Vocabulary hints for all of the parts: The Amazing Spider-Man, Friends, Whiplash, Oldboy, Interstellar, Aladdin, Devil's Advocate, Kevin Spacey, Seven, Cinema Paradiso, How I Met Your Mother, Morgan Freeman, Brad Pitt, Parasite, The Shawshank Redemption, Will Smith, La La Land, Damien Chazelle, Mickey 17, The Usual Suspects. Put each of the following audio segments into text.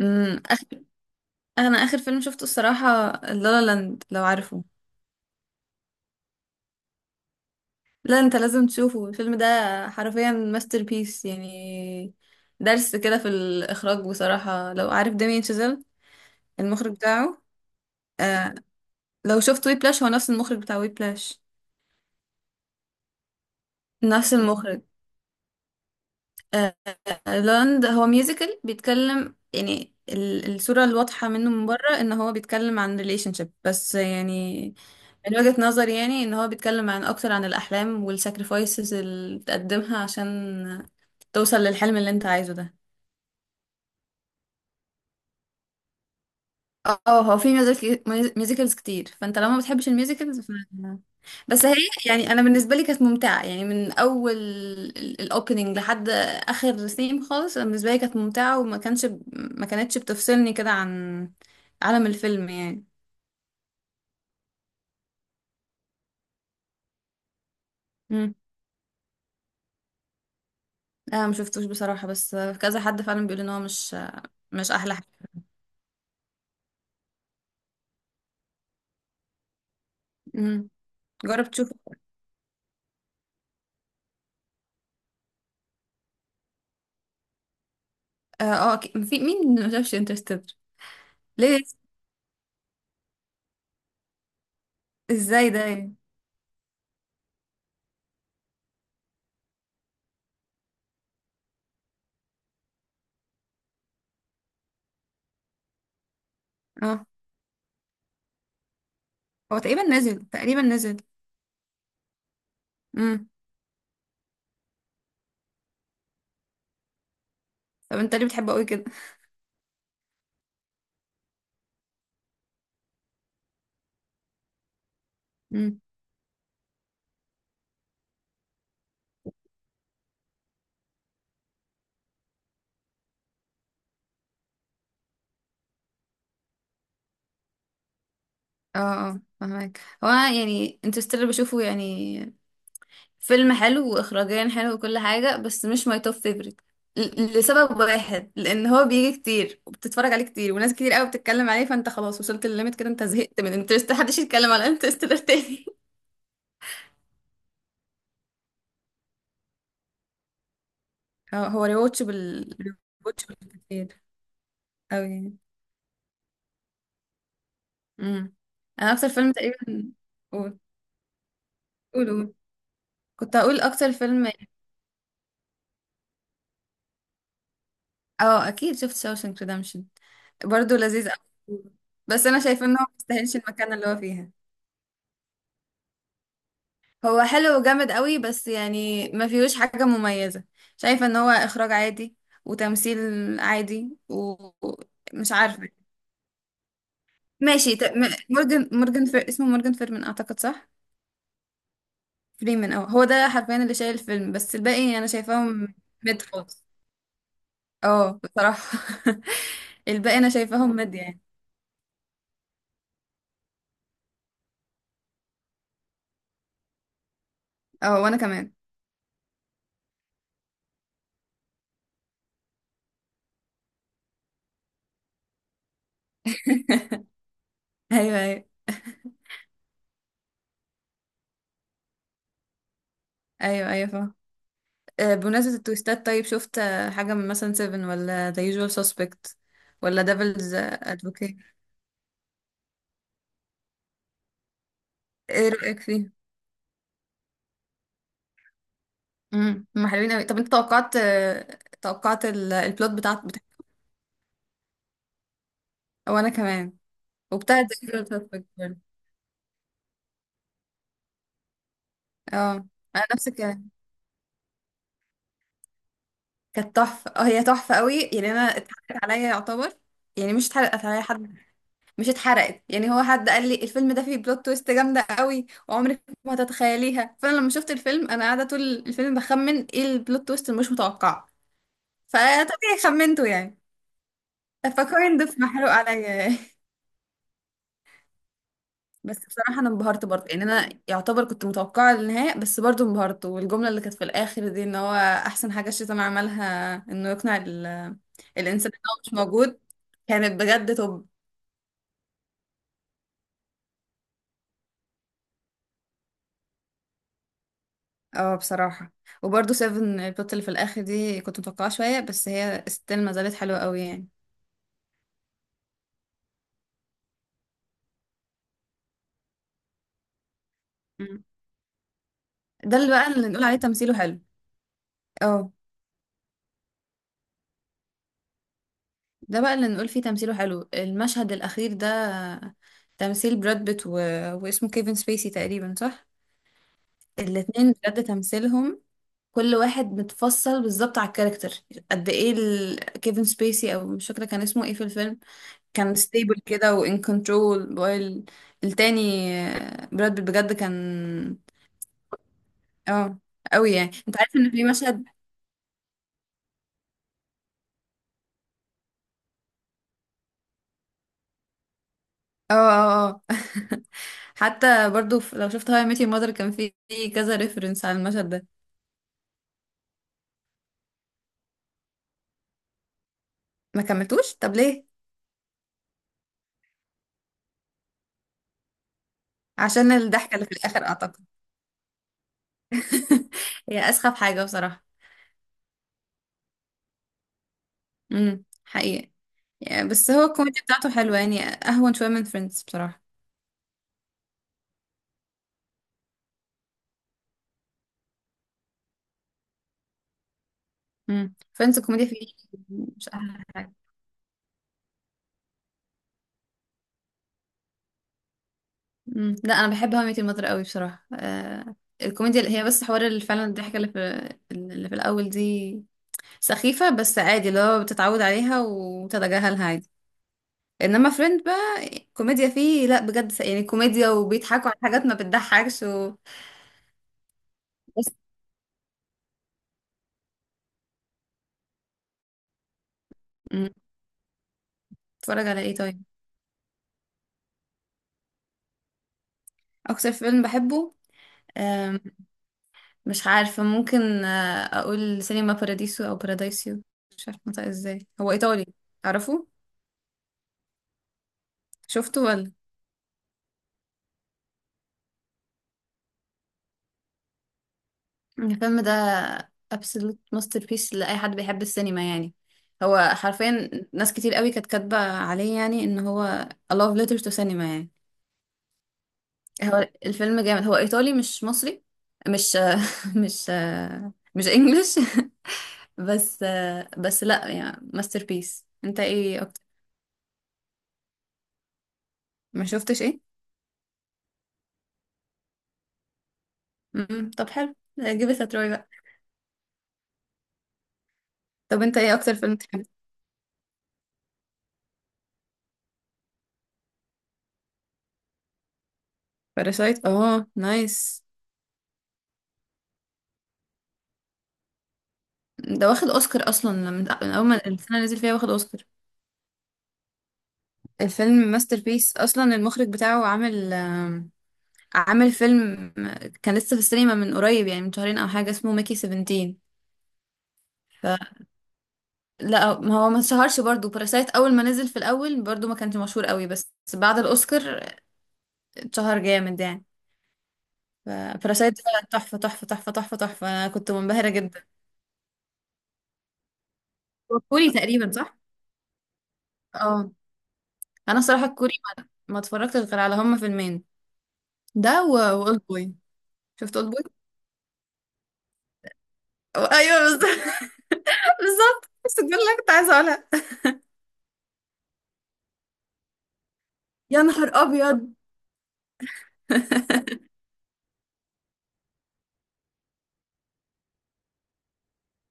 امم آخر... انا اخر فيلم شفته الصراحه لالا لاند، لو عارفه. لا، انت لازم تشوفه الفيلم ده، حرفيا ماستر بيس يعني. درس كده في الاخراج بصراحه، لو عارف دامين شازيل المخرج بتاعه. آه. لو شفت وي بلاش، هو نفس المخرج بتاع وي بلاش، نفس المخرج. آه. لاند هو ميوزيكال بيتكلم، يعني الصوره الواضحه منه من بره ان هو بيتكلم عن ريليشن شيب بس، يعني من وجهة نظري يعني ان هو بيتكلم عن اكتر عن الاحلام والساكريفايسز اللي بتقدمها عشان توصل للحلم اللي انت عايزه ده. اه، هو في ميوزيكلز كتير، فانت لو ما بتحبش الميوزيكلز بس هي يعني انا بالنسبه لي كانت ممتعه، يعني من اول الاوبننج لحد اخر سيم خالص. انا بالنسبه لي كانت ممتعه، وما كانش ما كانتش بتفصلني كده عن عالم الفيلم يعني. امم. لا، ما شفتوش بصراحه، بس كذا حد فعلا بيقول ان هو مش احلى حاجه. امم. جرب تشوف. اه، آه، أكيد. في مين ما شافش انترستيلر؟ ليه؟ ازاي ده يعني؟ اه، هو تقريبا نزل. امم. طب انت ليه بتحبه قوي كده؟ امم. اه اه، فهمك. هو أنا يعني انترستيلر بشوفه، يعني فيلم حلو واخراجيا حلو وكل حاجه، بس مش ماي توب فيفورت لسبب واحد: لان هو بيجي كتير وبتتفرج عليه كتير وناس كتير قوي بتتكلم عليه، فانت خلاص وصلت للليميت كده، انت زهقت من انترستيلر، محدش يتكلم على انترستيلر تاني. اه، هو ريواتشبل، ريواتشبل كتير قوي يعني. امم. انا اكتر فيلم تقريبا. قول. قول قول. كنت هقول اكتر فيلم. اه، اكيد شفت شاوشانك ريدمشن، برضه لذيذ قوي. بس انا شايفه انه ما يستاهلش المكان اللي هو فيها. هو حلو وجامد قوي، بس يعني ما فيهوش حاجه مميزه. شايفه ان هو اخراج عادي، وتمثيل عادي، ومش عارفه. ماشي. ت... م- مورجان مورجان فر... اسمه مورجان فيرمن اعتقد، صح؟ فريمن، اه، هو ده حرفيا اللي شايل الفيلم، بس الباقي انا شايفاهم ميد خالص. اه بصراحة. الباقي انا شايفاهم مد يعني. اه وانا كمان. ايوه ايوه. ايوه ايوه فاهم. آه، بمناسبة التويستات، طيب شفت حاجة من مثلا سيفن ولا The Usual Suspect ولا Devil's Advocate؟ ايه رأيك فيه؟ امم، هم حلوين قوي. طب انت توقعت، البلوت بتاعت بتاع. وانا كمان. وبتاع The Usual Suspect برضه. اه، انا نفس الكلام. كانت تحفة، اه هي تحفة قوي يعني. انا اتحرقت عليا يعتبر، يعني مش اتحرقت عليا حد، مش اتحرقت، يعني هو حد قال لي الفيلم ده فيه بلوت تويست جامده قوي وعمرك ما هتتخيليها، فانا لما شفت الفيلم انا قاعده طول الفيلم بخمن ايه البلوت تويست المش متوقعه، فطبيعي خمنته يعني. فكوين ضيف محروق عليا يعني. بس بصراحه انا انبهرت برضه يعني، انا يعتبر كنت متوقعه النهايه بس برضه انبهرت. والجمله اللي كانت في الاخر دي ان هو احسن حاجه الشيطان عملها انه يقنع الانسان ان هو مش موجود، كانت بجد توب. اه بصراحة. وبرضه سيفن، البت اللي في الآخر دي كنت متوقعة شوية بس هي ستيل ما زالت حلوة قوي يعني. مم. ده اللي بقى اللي نقول عليه تمثيله حلو. اه. ده بقى اللي نقول فيه تمثيله حلو، المشهد الأخير ده، تمثيل براد بيت و... واسمه كيفن سبيسي تقريبا، صح؟ الاتنين بجد تمثيلهم، كل واحد متفصل بالظبط على الكاركتر. قد ايه كيفن سبيسي، او مش فاكرة كان اسمه ايه في الفيلم، كان ستيبل كده وان كنترول وايل. التاني براد بيت بجد كان اه قوي يعني. انت عارف ان في مشهد اه اه حتى برضو لو شفت هاي ميت يور مادر، كان في كذا ريفرنس على المشهد ده. ما كملتوش، طب ليه؟ عشان الضحكة اللي في الاخر اعتقد. هي اسخف حاجة بصراحة. امم، حقيقة. يعني بس هو الكوميديا بتاعته حلوة، يعني اهون شوية من فريندز بصراحة. امم. فريندز الكوميديا فيه مش احلى حاجة. مم. لا، انا بحب هاو ميت يور ماذر قوي بصراحه. الكوميديا اللي هي بس حوار، اللي فعلا الضحكه اللي في الاول دي سخيفه بس عادي، اللي هو بتتعود عليها وتتجاهلها عادي. انما فريند بقى كوميديا فيه لا بجد، يعني كوميديا وبيضحكوا على حاجات ما بتضحكش بس. مم. اتفرج على ايه طيب؟ اكتر فيلم بحبه، آم، مش عارفه، ممكن اقول سينما باراديسو او بارادايسيو، مش عارفه انطق ازاي، هو ايطالي. تعرفه؟ شفته ولا؟ الفيلم ده absolute masterpiece لأي حد بيحب السينما يعني. هو حرفيا ناس كتير قوي كانت كاتبة عليه يعني ان هو a love letter to cinema يعني. هو الفيلم جامد، هو ايطالي مش مصري، مش مش مش انجلش بس بس لا يعني masterpiece. انت ايه اكتر؟ ما شفتش ايه؟ مم. طب حلو، جيب تروي بقى. طب انت ايه اكتر فيلم بتحبه؟ باراسايت، اه نايس. ده واخد اوسكار اصلا، من اول ما السنه اللي نزل فيها واخد اوسكار. الفيلم ماستر بيس اصلا، المخرج بتاعه عامل عامل فيلم كان لسه في السينما من قريب، يعني من شهرين او حاجه، اسمه ميكي 17. فلا، ما هو ما اتشهرش برضه، باراسايت اول ما نزل في الاول برضه ما كانش مشهور قوي، بس بعد الاوسكار اتشهر جامد يعني. فباراسايت ده تحفه تحفه تحفه تحفه تحفه، انا كنت منبهره جدا. هو كوري تقريبا، صح؟ اه، انا صراحه الكوري ما، ما اتفرجتش غير على هما فيلمين، ده واولد بوي. شفت اولد بوي، ايوه بالظبط بالظبط، بس دول اللي أنا كنت عايزه اقولها. يا نهار ابيض.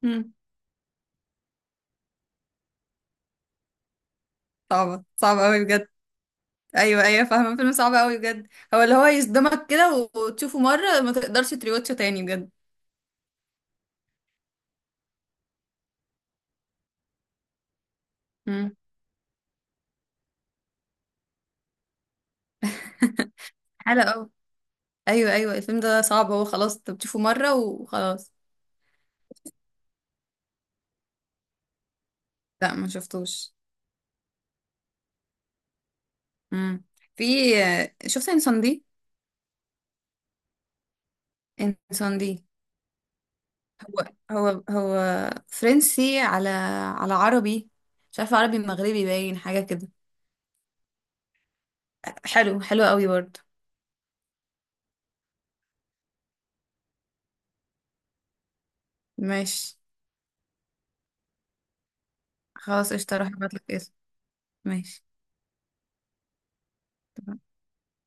مم. صعبة صعبة قوي بجد. ايوه ايوه فاهمة، فيلم صعب قوي بجد، هو اللي هو يصدمك كده وتشوفه مرة ما تقدرش تريوتشه تاني بجد. مم. حلقة أوي. ايوه ايوه الفيلم ده صعب، هو خلاص انت بتشوفه مرة وخلاص. لا، ما شفتوش. مم. في. شفت انسان دي؟ انسان دي، هو هو فرنسي، على على عربي، مش عارفة، عربي مغربي باين، حاجة كده. حلو حلو قوي برضه. ماشي. خلاص قشطة هبعتلك. ماشي.